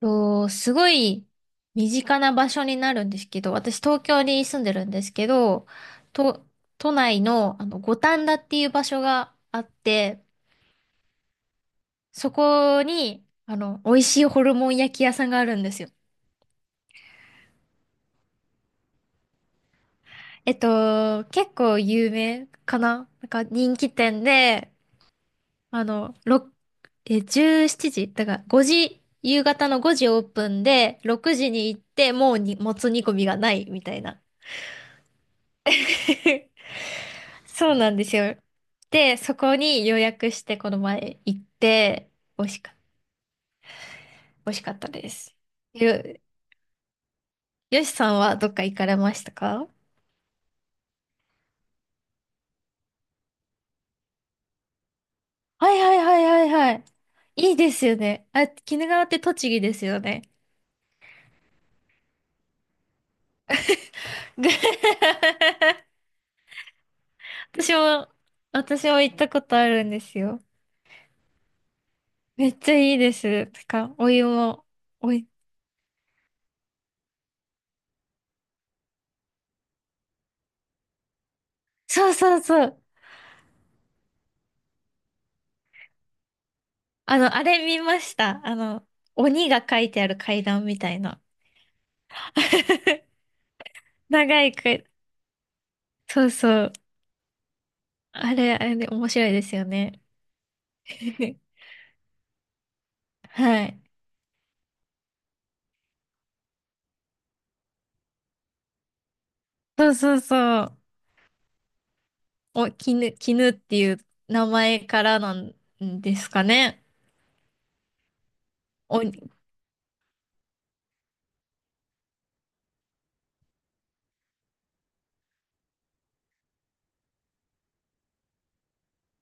すごい身近な場所になるんですけど、私東京に住んでるんですけど、と、都内の、あの五反田っていう場所があって、そこにあの美味しいホルモン焼き屋さんがあるんですよ。結構有名かななんか人気店で、あの、17時だから夕方の5時オープンで、6時に行って、もうに、もつ煮込みがないみたいな。そうなんですよ。で、そこに予約してこの前行って、美味しかった、美味しかったです。よ、よしさんはどっか行かれましたか？はいはいはいはいはい。いいですよね。あ、鬼怒川って栃木ですよね。ぐ 私も、私も行ったことあるんですよ。めっちゃいいです。てか、お湯も、おい、そうそうそう。あの、あれ見ました。あの、鬼が書いてある階段みたいな。長いく、そうそう。あれ、あれで面白いですよね。はい。そうそうそう。絹っていう名前からなんですかね。お、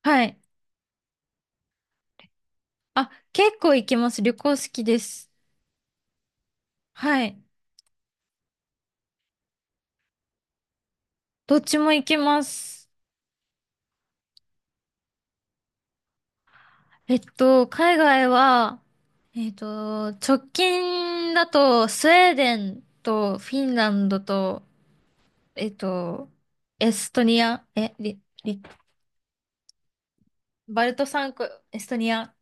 はい。あ、結構行きます。旅行好きです。はい。どっちも行きます。海外は、直近だと、スウェーデンとフィンランドと、えっと、エストニア、え、リ、リバルト三国、エストニア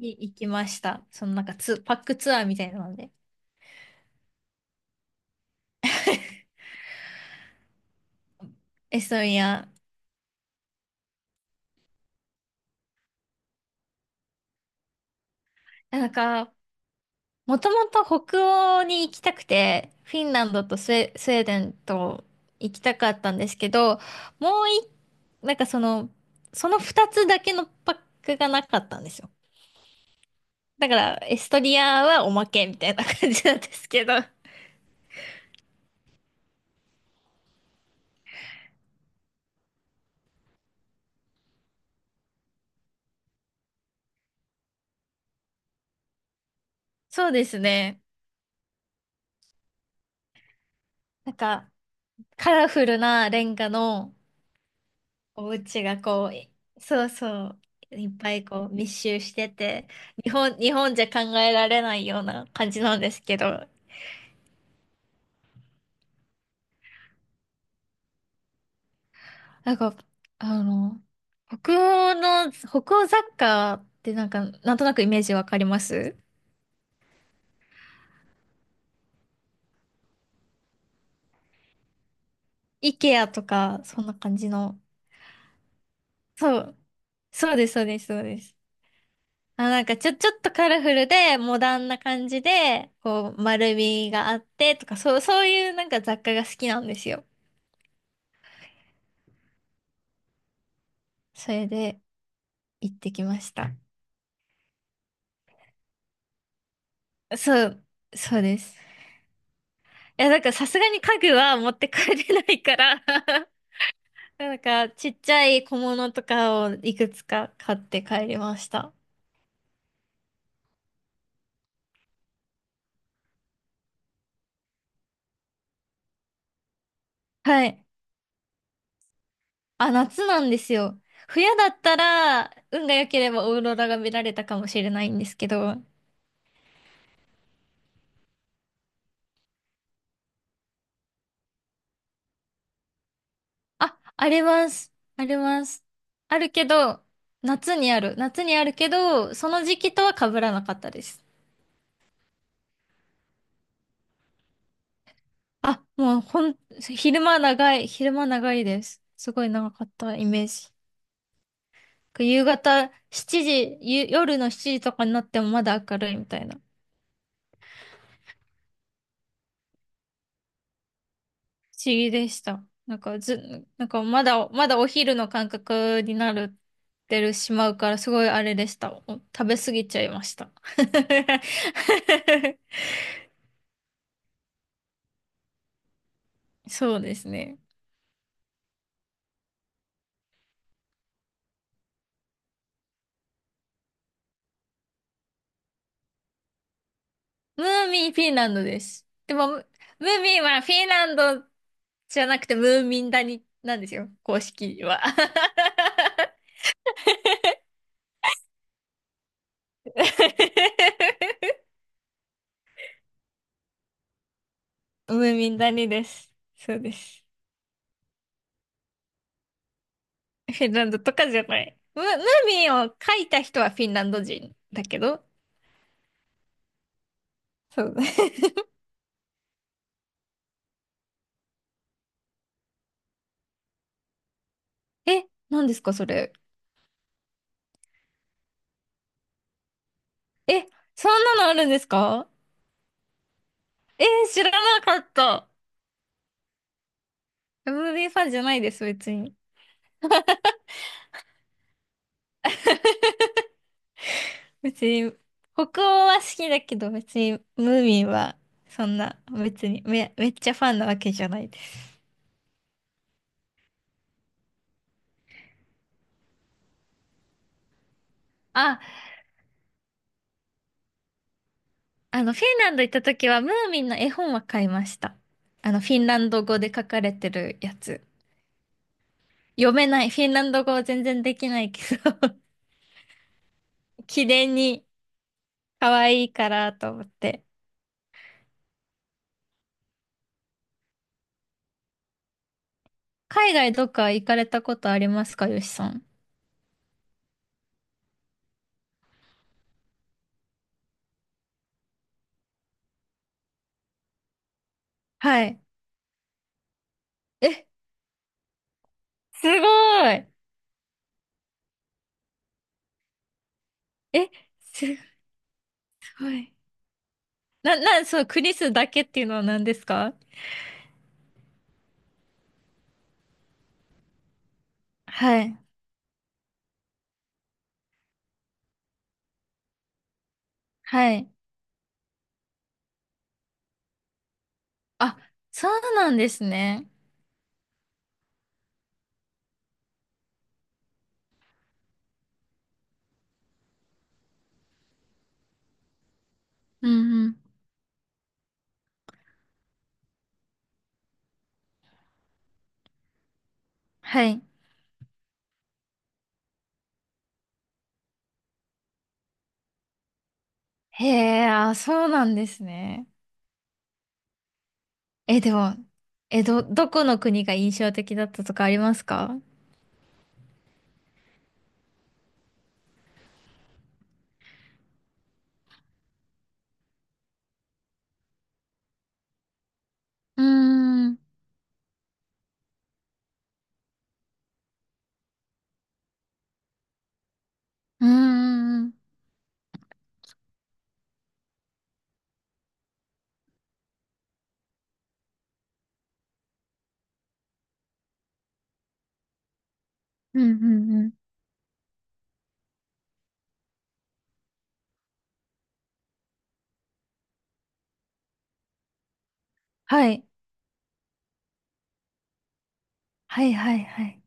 に行きました。そのなんかパックツアーみたいなので。エストニア。なんか、もともと北欧に行きたくて、フィンランドとスウェーデンと行きたかったんですけど、もうい、なんかその二つだけのパックがなかったんですよ。だから、エストニアはおまけみたいな感じなんですけど。そうですね。なんか、カラフルなレンガの、お家が、そうそう、いっぱいこう密集してて、日本じゃ考えられないような感じなんですけど、なんか、あの、北欧雑貨ってなんか、なんとなくイメージわかります？ IKEA とか、そんな感じの。そう、そうです、そうです、そうです、あ、なんかちょっとカラフルで、モダンな感じで、こう、丸みがあってとか、そういうなんか雑貨が好きなんですよ。それで、行ってきました。そう、そうです。いや、なんかさすがに家具は持って帰れないから なんかちっちゃい小物とかをいくつか買って帰りました。はい。あ、夏なんですよ。冬だったら、運が良ければオーロラが見られたかもしれないんですけど。あ、あります。あります。あるけど、夏にある。夏にあるけど、その時期とは被らなかったです。あ、もうほん、昼間長いです。すごい長かったイメージ。夕方7時、夜の7時とかになってもまだ明るいみたいな。不思議でした。なんかず、なんかまだお昼の感覚になる、てるしまうからすごいあれでした。お食べ過ぎちゃいました。そうですね。ムーミンフィンランドです。でも、ムーミンはフィンランドじゃなくて、ムーミン谷なんですよ、公式は。ムーミン谷です。そうです。フィンランドとかじゃない。ムーミンを書いた人はフィンランド人だけど。そう。え、何ですか、それ。え、そんなのあるんですか？えー知らなかった。ムーミンファンじゃないです、別に。別に、北欧は好きだけど、別にムーミンは、そんな、別にめ、めっちゃファンなわけじゃないです。ああの、フィンランド行った時は、ムーミンの絵本は買いました。あの、フィンランド語で書かれてるやつ。読めない。フィンランド語は全然できないけど 記念に可愛いからと思って。海外どっか行かれたことありますか、よしさん。はい。え、すごい。え、すごい。そう、クリスだけっていうのは何ですか？はい。はい。あ、そうなんですね。うんうん。はい。へえ、あ、そうなんですね。え、でも、え、どこの国が印象的だったとかありますか？うーん、うーん、うん、うん、うんうん。はい、はい、はい、はい。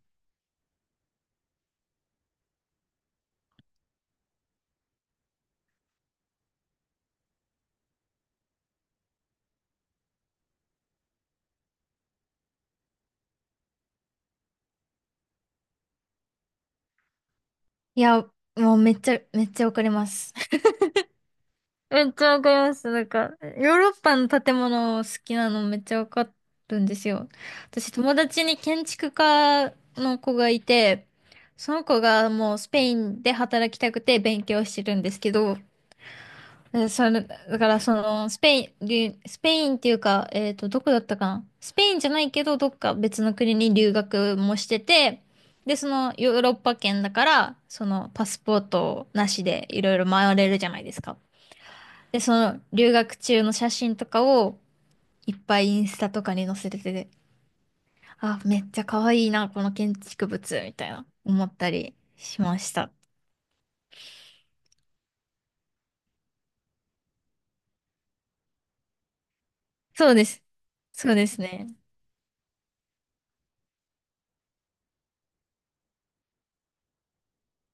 いや、もうめっちゃ、めっちゃわかります。めっちゃわかります。なんか、ヨーロッパの建物好きなのめっちゃわかるんですよ。私、友達に建築家の子がいて、その子がもうスペインで働きたくて勉強してるんですけど、え、それ、だからスペイン、留スペインっていうか、どこだったかな。スペインじゃないけど、どっか別の国に留学もしてて、で、ヨーロッパ圏だから、パスポートなしでいろいろ回れるじゃないですか。で、留学中の写真とかを、いっぱいインスタとかに載せてて、あ、めっちゃ可愛いな、この建築物、みたいな、思ったりしました。そうです。そうですね。